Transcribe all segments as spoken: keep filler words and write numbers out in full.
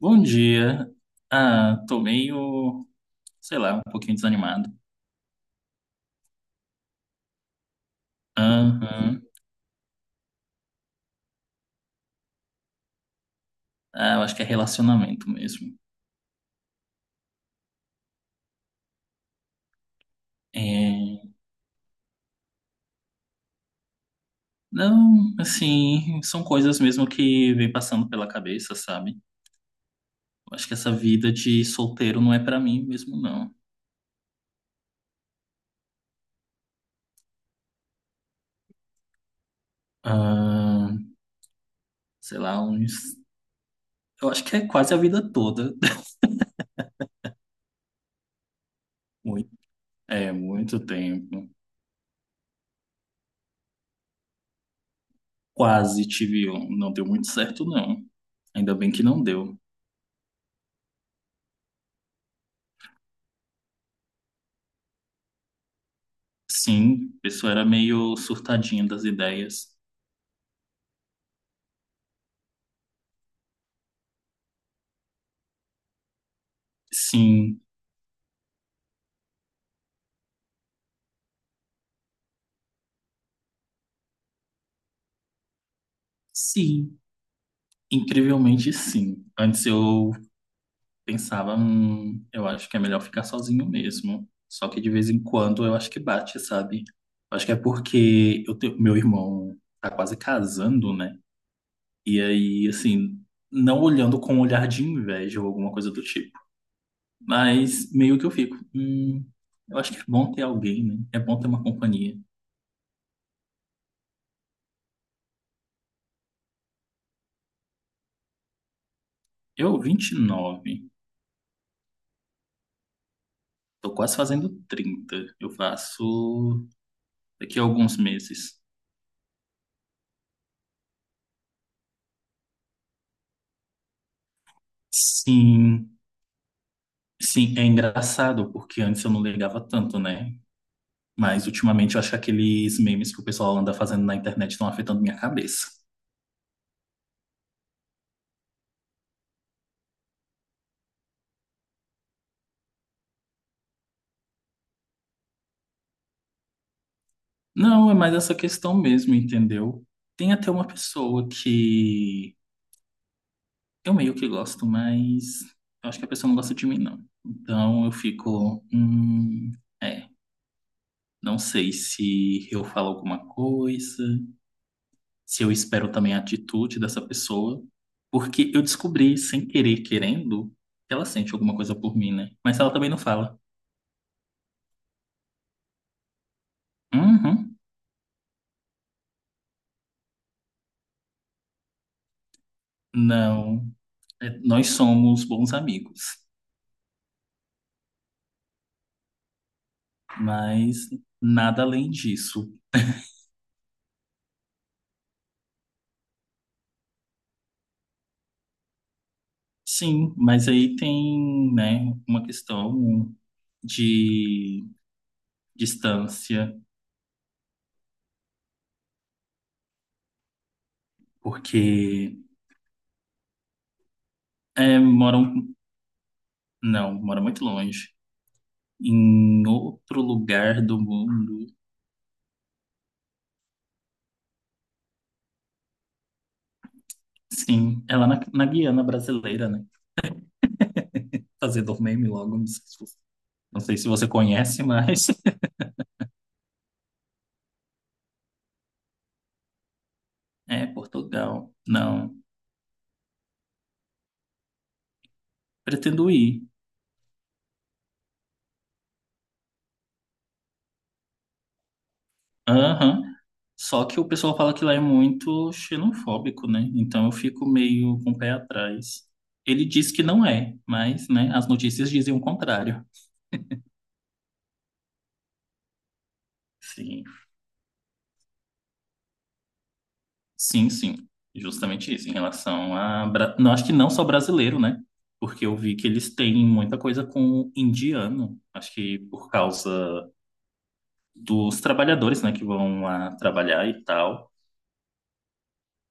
Bom dia. Ah, tô meio, sei lá, um pouquinho desanimado. Aham. Ah, eu acho que é relacionamento mesmo. É, não, assim, são coisas mesmo que vem passando pela cabeça, sabe? Eu acho que essa vida de solteiro não é pra mim mesmo, não. Ah, sei lá, uns, eu acho que é quase a vida toda. Muito, é, muito tempo. Quase tive um, não deu muito certo, não. Ainda bem que não deu. Sim, a pessoa era meio surtadinha das ideias. Sim, sim, incrivelmente sim. Antes eu pensava, hum, eu acho que é melhor ficar sozinho mesmo. Só que de vez em quando eu acho que bate, sabe? Acho que é porque eu tenho, meu irmão tá quase casando, né? E aí, assim, não olhando com um olhar de inveja ou alguma coisa do tipo. Mas meio que eu fico, hum, eu acho que é bom ter alguém, né? É bom ter uma companhia. Eu, vinte e nove. Tô quase fazendo trinta. Eu faço daqui a alguns meses. Sim, sim, é engraçado, porque antes eu não ligava tanto, né? Mas ultimamente eu acho que aqueles memes que o pessoal anda fazendo na internet estão afetando minha cabeça. Não, é mais essa questão mesmo, entendeu? Tem até uma pessoa que eu meio que gosto, mas eu acho que a pessoa não gosta de mim, não. Então eu fico, hum, é, não sei se eu falo alguma coisa, se eu espero também a atitude dessa pessoa, porque eu descobri, sem querer, querendo, que ela sente alguma coisa por mim, né? Mas ela também não fala. Uhum, não, é, nós somos bons amigos, mas nada além disso. Sim, mas aí tem, né, uma questão de distância, porque é, moram, não, moram muito longe, em outro lugar do mundo. Sim, é lá na, na Guiana brasileira, né? Fazedor meme logo, não sei se você, não sei se você conhece, mas é Portugal. Não, pretendo ir. Aham. Só que o pessoal fala que lá é muito xenofóbico, né? Então eu fico meio com o pé atrás. Ele diz que não é, mas, né, as notícias dizem o contrário. Sim. Sim, sim, justamente isso, em relação a. bra- Não, acho que não só brasileiro, né? Porque eu vi que eles têm muita coisa com indiano, acho que por causa dos trabalhadores, né, que vão lá trabalhar e tal.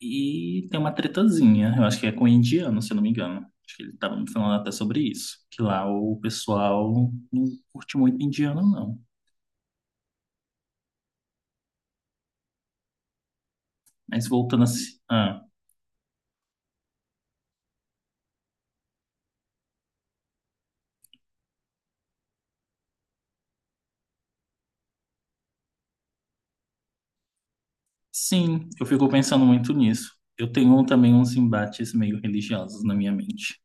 E tem uma tretazinha, eu acho que é com indiano, se eu não me engano. Acho que ele estava me falando até sobre isso, que lá o pessoal não curte muito indiano, não. Mas voltando assim. Ah, sim, eu fico pensando muito nisso. Eu tenho também uns embates meio religiosos na minha mente.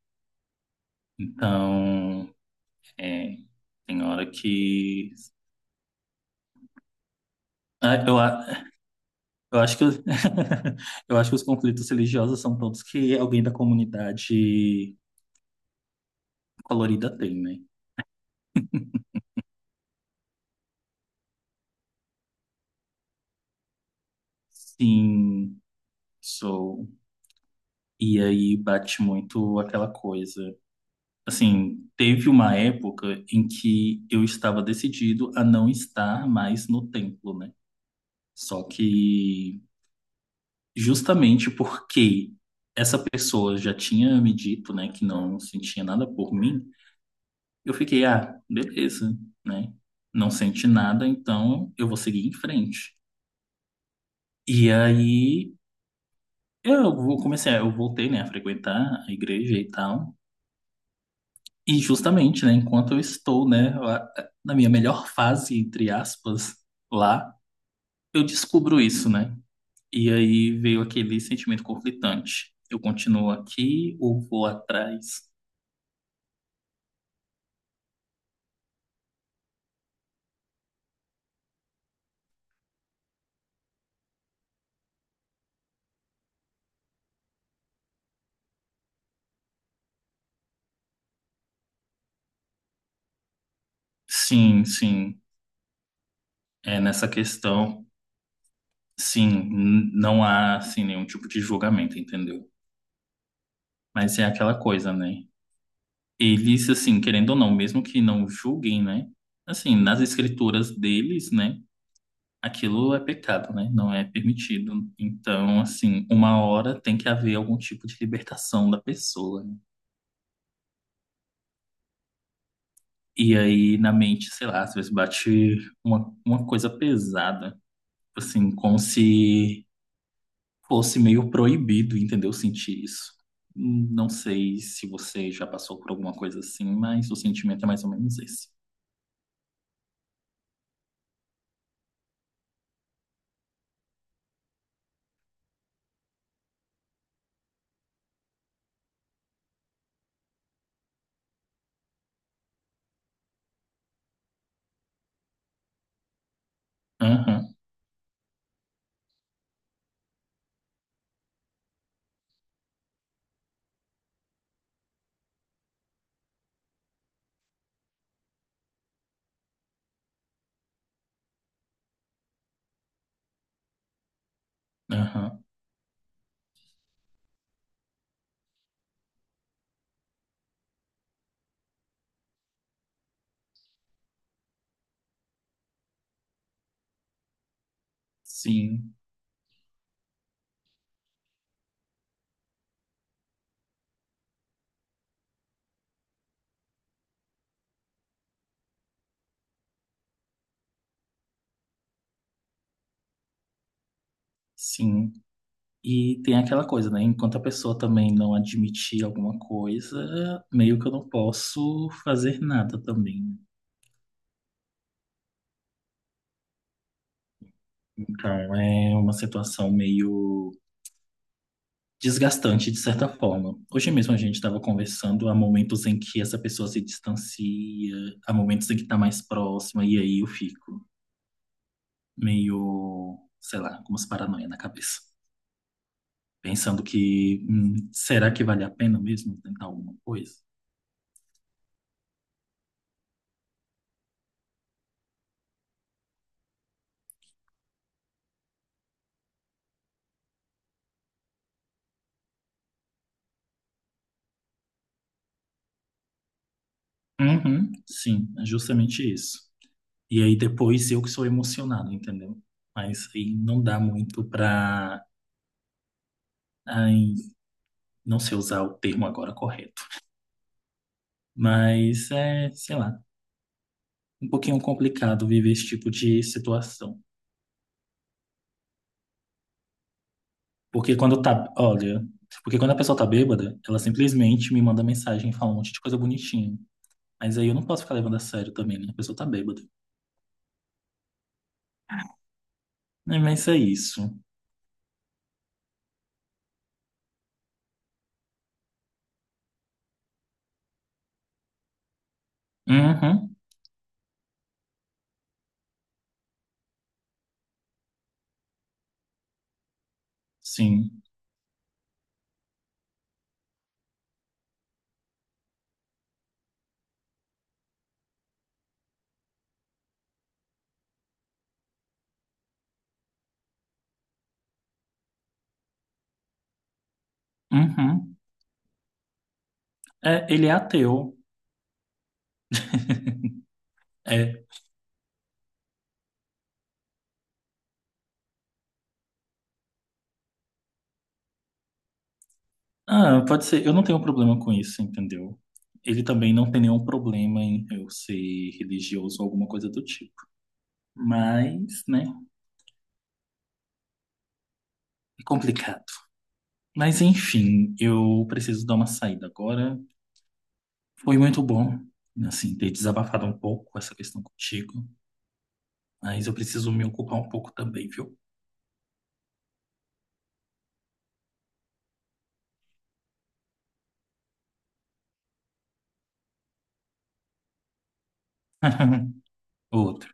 Então, é, tem hora que. Ah, Eu, a- eu acho que os- eu acho que os conflitos religiosos são todos que alguém da comunidade colorida tem, né? Sim, sou. E aí bate muito aquela coisa. Assim, teve uma época em que eu estava decidido a não estar mais no templo, né? Só que justamente porque essa pessoa já tinha me dito, né, que não sentia nada por mim, eu fiquei, ah, beleza, né? Não sente nada, então eu vou seguir em frente. E aí eu vou- comecei, eu voltei, né, a frequentar a igreja e tal. E justamente, né, enquanto eu estou, né, lá- na minha melhor fase, entre aspas, lá, eu descubro isso, né? E aí veio aquele sentimento conflitante. Eu continuo aqui ou vou atrás? Sim, sim. É nessa questão, sim, n- não há assim nenhum tipo de julgamento, entendeu? Mas é aquela coisa, né? Eles assim, querendo ou não, mesmo que não julguem, né? Assim, nas escrituras deles, né? Aquilo é pecado, né? Não é permitido. Então, assim, uma hora tem que haver algum tipo de libertação da pessoa, né? E aí, na mente, sei lá, às vezes bate uma, uma coisa pesada, assim, como se fosse meio proibido, entendeu? Sentir isso. Hum, Não sei se você já passou por alguma coisa assim, mas o sentimento é mais ou menos esse. Aham, aham. Sim, sim. E tem aquela coisa, né? Enquanto a pessoa também não admitir alguma coisa, meio que eu não posso fazer nada também. Então é uma situação meio desgastante de certa forma. Hoje mesmo a gente estava conversando, há momentos em que essa pessoa se distancia, há momentos em que está mais próxima, e aí eu fico meio, sei lá, com umas paranoia na cabeça, pensando que hum, será que vale a pena mesmo tentar alguma coisa? Uhum, sim, é justamente isso. E aí depois eu que sou emocionado, entendeu? Mas aí não dá muito pra. Ai, não sei usar o termo agora correto. Mas é, sei lá, um pouquinho complicado viver esse tipo de situação. Porque quando tá, olha, porque quando a pessoa tá bêbada, ela simplesmente me manda mensagem e fala um monte de coisa bonitinha. Mas aí eu não posso ficar levando a sério também, né? A pessoa tá bêbada. É, mas é isso. Uhum, sim. Uhum. É, ele é ateu. É. Ah, pode ser. Eu não tenho problema com isso, entendeu? Ele também não tem nenhum problema em eu ser religioso ou alguma coisa do tipo. Mas, né? É complicado. Mas enfim, eu preciso dar uma saída agora. Foi muito bom, assim, ter desabafado um pouco essa questão contigo, mas eu preciso me ocupar um pouco também, viu? Outra.